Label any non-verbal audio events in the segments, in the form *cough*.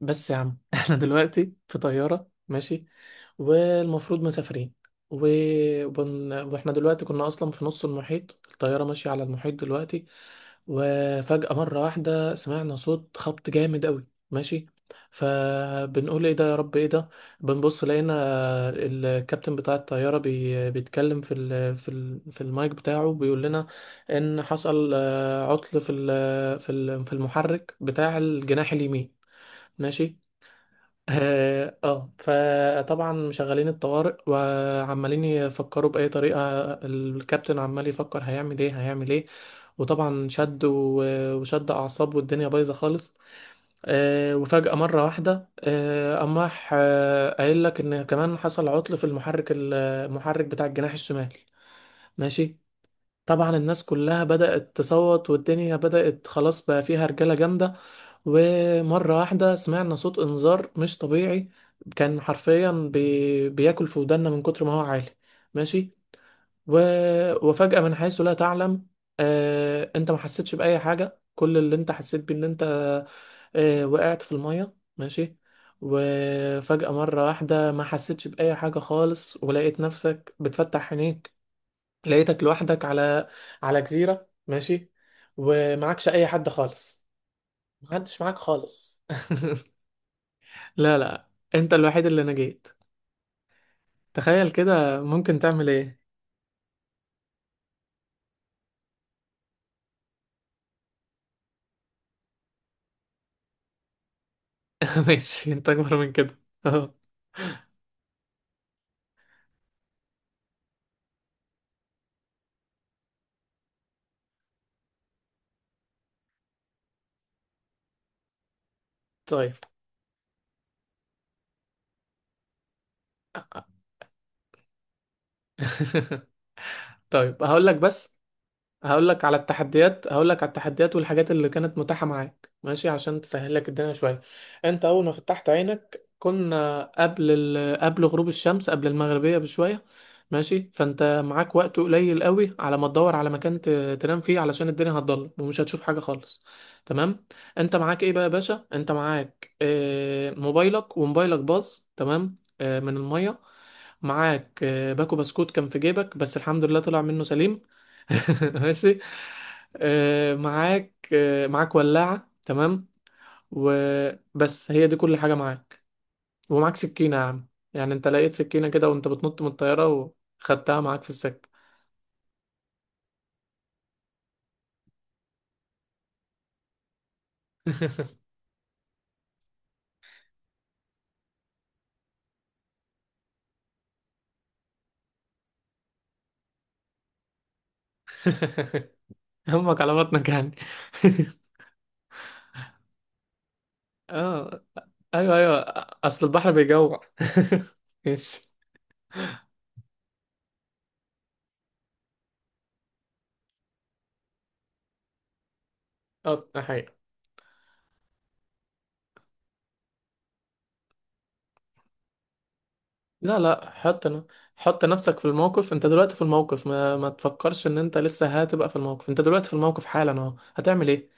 بس يا عم *laughs* احنا دلوقتي في طيارة ماشي، والمفروض مسافرين. و... واحنا دلوقتي كنا اصلا في نص المحيط، الطيارة ماشية على المحيط دلوقتي. وفجأة مرة واحدة سمعنا صوت خبط جامد قوي ماشي، فبنقول ايه ده يا رب ايه ده. بنبص لقينا الكابتن بتاع الطيارة بيتكلم في المايك بتاعه، بيقول لنا ان حصل عطل في المحرك بتاع الجناح اليمين. ماشي. اه. آه. فطبعا مشغلين الطوارئ وعمالين يفكروا بأي طريقة. الكابتن عمال يفكر هيعمل ايه هيعمل ايه، وطبعا شد وشد أعصاب، والدنيا بايظة خالص. وفجأة مرة واحدة قام راح قايل لك إن كمان حصل عطل في المحرك المحرك بتاع الجناح الشمالي. ماشي. طبعا الناس كلها بدأت تصوت، والدنيا بدأت خلاص بقى فيها رجالة جامدة. ومرة واحدة سمعنا صوت إنذار مش طبيعي، كان حرفيا بياكل في ودنا من كتر ما هو عالي. ماشي. و... وفجأة من حيث لا تعلم انت ما حسيتش بأي حاجة. كل اللي انت حسيت بيه ان انت وقعت في المية. ماشي. وفجأة مرة واحدة ما حسيتش بأي حاجة خالص، ولقيت نفسك بتفتح عينيك. لقيتك لوحدك على جزيرة ماشي، ومعكش اي حد خالص. محدش معاك خالص. *laughs* لا لا، انت الوحيد اللي نجيت. تخيل كده، ممكن تعمل ايه؟ *laughs* ماشي، انت اكبر من كده. اهو. طيب. *laughs* طيب هقول لك. بس هقول لك على التحديات، هقول لك على التحديات والحاجات اللي كانت متاحة معاك ماشي، عشان تسهل لك الدنيا شوية. انت اول ما فتحت عينك كنا قبل قبل غروب الشمس، قبل المغربية بشوية ماشي. فانت معاك وقت قليل قوي على ما تدور على مكان تنام فيه، علشان الدنيا هتضلم ومش هتشوف حاجة خالص. تمام. انت معاك ايه بقى يا باشا؟ انت معاك موبايلك، وموبايلك باظ تمام من المية. معاك باكو بسكوت كان في جيبك بس الحمد لله طلع منه سليم. *laughs* ماشي. معاك ولاعة تمام. وبس، هي دي كل حاجة معاك. ومعاك سكينة يا عم، يعني انت لقيت سكينة كده وانت بتنط من الطيارة وخدتها معاك في السكة. *laughs* همك على بطنك يعني. *laughs* اه. ايوه ايوه. اصل البحر بيجوع. *laughs* ماشي. اه، ده حقيقة. لا لا، حط حط نفسك في الموقف. انت دلوقتي في الموقف، ما تفكرش ان انت لسه هتبقى في الموقف، انت دلوقتي في الموقف حالا اهو، هتعمل ايه؟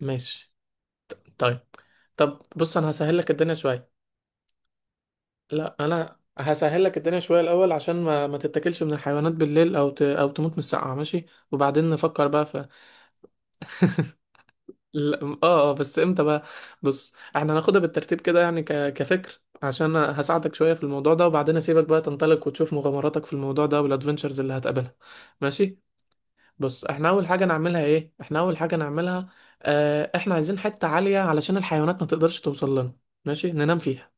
ماشي. طيب. طب بص، انا هسهل لك الدنيا شويه. لا، انا هسهل لك الدنيا شويه الاول، عشان ما تتاكلش من الحيوانات بالليل، او تموت من السقعه ماشي. وبعدين نفكر بقى في. لا، اه اه بس امتى بقى؟ بص، احنا هناخدها بالترتيب كده، يعني كفكر، عشان هساعدك شويه في الموضوع ده، وبعدين اسيبك بقى تنطلق وتشوف مغامراتك في الموضوع ده، والادفنتشرز اللي هتقابلها. ماشي. بص، احنا اول حاجه نعملها ايه؟ احنا اول حاجه نعملها اه، احنا عايزين حته عاليه علشان الحيوانات ما تقدرش توصل لنا، ماشي، ننام فيها.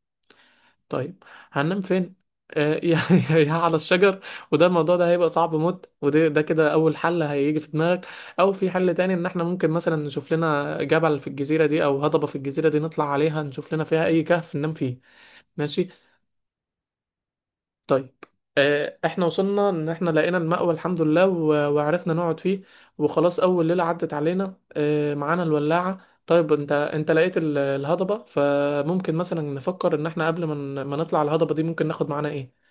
طيب. هننام فين؟ اه. *laughs* يا يا، على الشجر. وده الموضوع ده هيبقى صعب موت، وده ده كده اول حل هيجي في دماغك. او في حل تاني، ان احنا ممكن مثلا نشوف لنا جبل في الجزيره دي او هضبه في الجزيره دي، نطلع عليها نشوف لنا فيها اي كهف ننام فيه. ماشي. طيب. احنا وصلنا ان احنا لقينا المأوى الحمد لله، وعرفنا نقعد فيه. وخلاص، اول ليلة عدت علينا معانا الولاعة. طيب، انت انت لقيت الهضبة، فممكن مثلا نفكر ان احنا قبل ما ما نطلع الهضبة دي ممكن ناخد معانا ايه.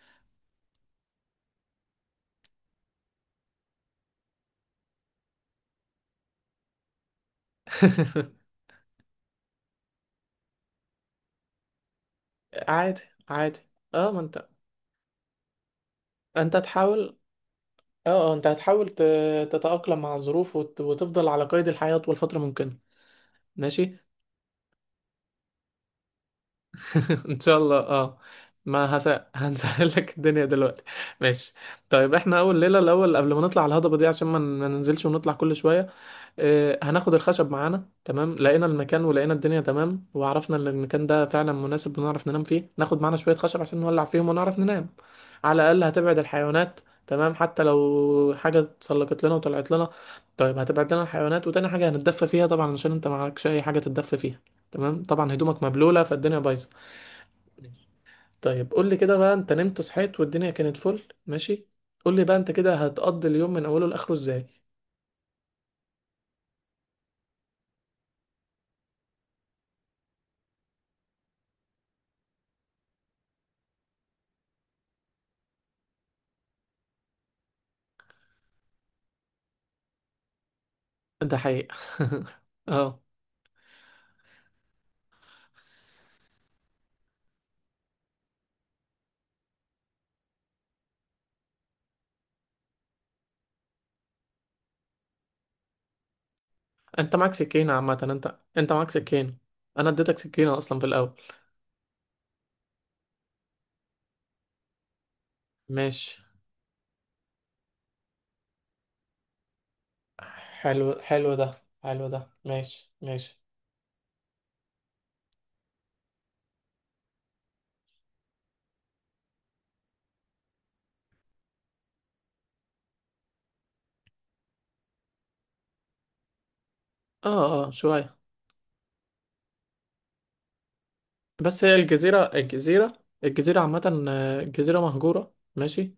*laughs* عادي. عادي. اه، ما انت انت هتحاول. اه اه، انت هتحاول تتأقلم مع الظروف، وتفضل على قيد الحياة طول فترة ممكنة. ماشي. ان شاء الله اه. ما هس... هنسهل لك الدنيا دلوقتي. ماشي. طيب، احنا اول ليله الاول قبل ما نطلع الهضبه دي، عشان ما ننزلش ونطلع كل شويه، اه هناخد الخشب معانا. تمام، لقينا المكان ولقينا الدنيا تمام وعرفنا ان المكان ده فعلا مناسب بنعرف ننام فيه، ناخد معانا شويه خشب عشان نولع فيهم ونعرف ننام. على الاقل هتبعد الحيوانات. تمام، حتى لو حاجه اتسلقت لنا وطلعت لنا. طيب، هتبعد لنا الحيوانات، وتاني حاجه هنتدفى فيها طبعا، عشان انت معكش اي حاجه تتدفى فيها. تمام، طبعا هدومك مبلوله فالدنيا بايظه. طيب، قول لي كده بقى، انت نمت صحيت والدنيا كانت فل ماشي. قول لي بقى انت كده هتقضي اليوم من اوله لاخره ازاي. ده حقيقة. *laughs* اه، انت معاك سكينة عامة. انت انت معاك سكينة، انا اديتك سكينة اصلا في الاول. ماشي. حلو. حلو ده، حلو ده. ماشي ماشي. اه اه شوية. بس هي الجزيرة الجزيرة، الجزيرة عامة الجزيرة مهجورة ماشي.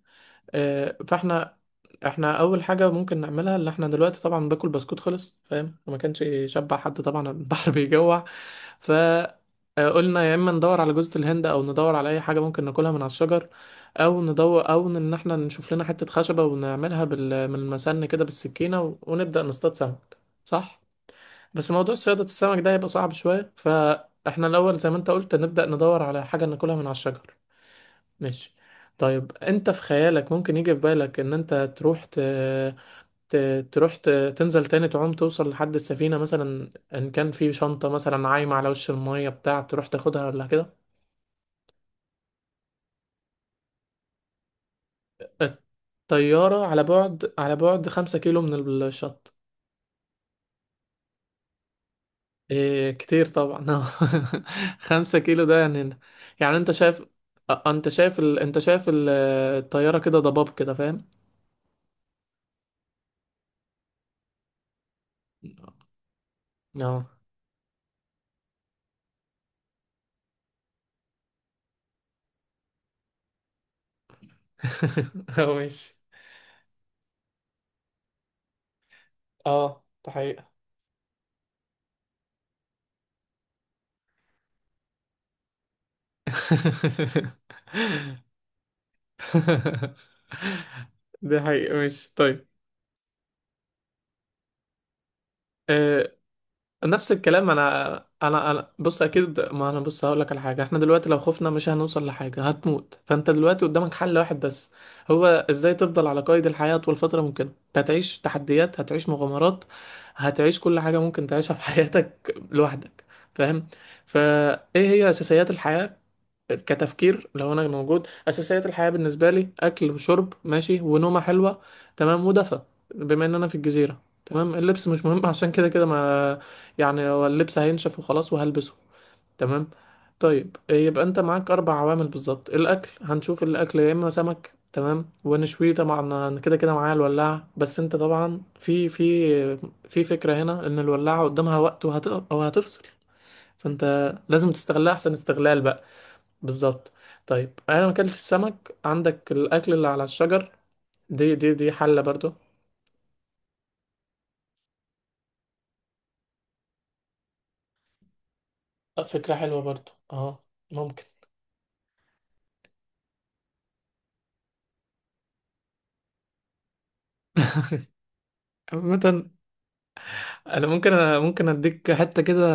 آه، فاحنا احنا اول حاجه ممكن نعملها، اللي احنا دلوقتي طبعا باكل بسكوت خلص، فاهم؟ وما كانش يشبع حد طبعا، البحر *laughs* بيجوع. ف قلنا يا اما ندور على جوزة الهند، او ندور على اي حاجه ممكن ناكلها من على الشجر، او ندور، او ان احنا نشوف لنا حته خشبه ونعملها من المسن كده بالسكينه، ونبدا نصطاد سمك، صح؟ بس موضوع صياده السمك ده هيبقى صعب شويه، فاحنا الاول زي ما انت قلت نبدا ندور على حاجه ناكلها من على الشجر. ماشي. طيب، انت في خيالك ممكن يجي في بالك ان انت تروح ت... تروح ت... تنزل تاني تعوم، توصل لحد السفينة مثلا، ان كان في شنطة مثلا عايمة على وش المية بتاع تروح تاخدها، ولا كده؟ الطيارة على بعد، على بعد 5 كيلو من الشط. إيه، كتير طبعا. *laughs* 5 كيلو ده يعني. يعني انت شايف انت شايف الطيارة كده ضباب كده، فاهم؟ اه. *laughs* هو ماشي. اه ده حقيقة. *laughs* دي حقيقة. ماشي. طيب. آه نفس الكلام انا. انا بص اكيد، ما انا بص هقول لك على حاجة، احنا دلوقتي لو خفنا مش هنوصل لحاجة، هتموت. فانت دلوقتي قدامك حل واحد بس، هو ازاي تفضل على قيد الحياة طول فترة ممكنة. انت هتعيش تحديات، هتعيش مغامرات، هتعيش كل حاجة ممكن تعيشها في *laughs* حياتك لوحدك. فاهم؟ فايه هي اساسيات الحياة؟ كتفكير، لو انا موجود، اساسيات الحياه بالنسبه لي اكل وشرب ماشي، ونومه حلوه تمام، ودفى. بما ان انا في الجزيره تمام، اللبس مش مهم. *laughs* عشان كده كده ما، يعني هو اللبس هينشف وخلاص وهلبسه، تمام. طيب، يبقى انت معاك اربع عوامل بالظبط. الاكل، هنشوف الاكل يا اما سمك تمام ونشويه طبعا، انا كده كده معايا الولاعه. بس انت طبعا في في فكره هنا، ان الولاعه قدامها وقت وهتفصل، فانت لازم تستغلها احسن استغلال بقى. بالظبط. طيب، انا ما اكلتش السمك، عندك الاكل اللي على الشجر. دي حلة برضو. فكرة حلوة برضو اه. ممكن. عامة، انا ممكن أنا ممكن اديك حتة كده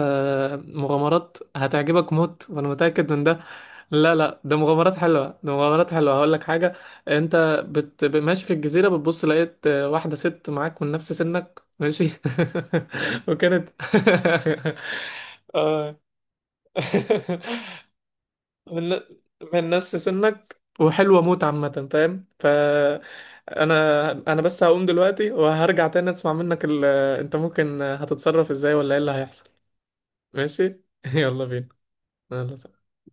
مغامرات هتعجبك موت، وانا متأكد من ده. لا لا، ده مغامرات حلوة، ده مغامرات حلوة. هقول لك حاجة، انت ماشي في الجزيرة بتبص لقيت واحدة ست معاك من نفس سنك ماشي. *laughs* وكانت. *laughs* آه. *laughs* من من نفس سنك، وحلوة موت عامة، فاهم؟ ف انا، انا بس هقوم دلوقتي وهرجع تاني اسمع منك انت ممكن هتتصرف ازاي، ولا ايه اللي هيحصل. ماشي. *laughs* يلا بينا. يلا سلام.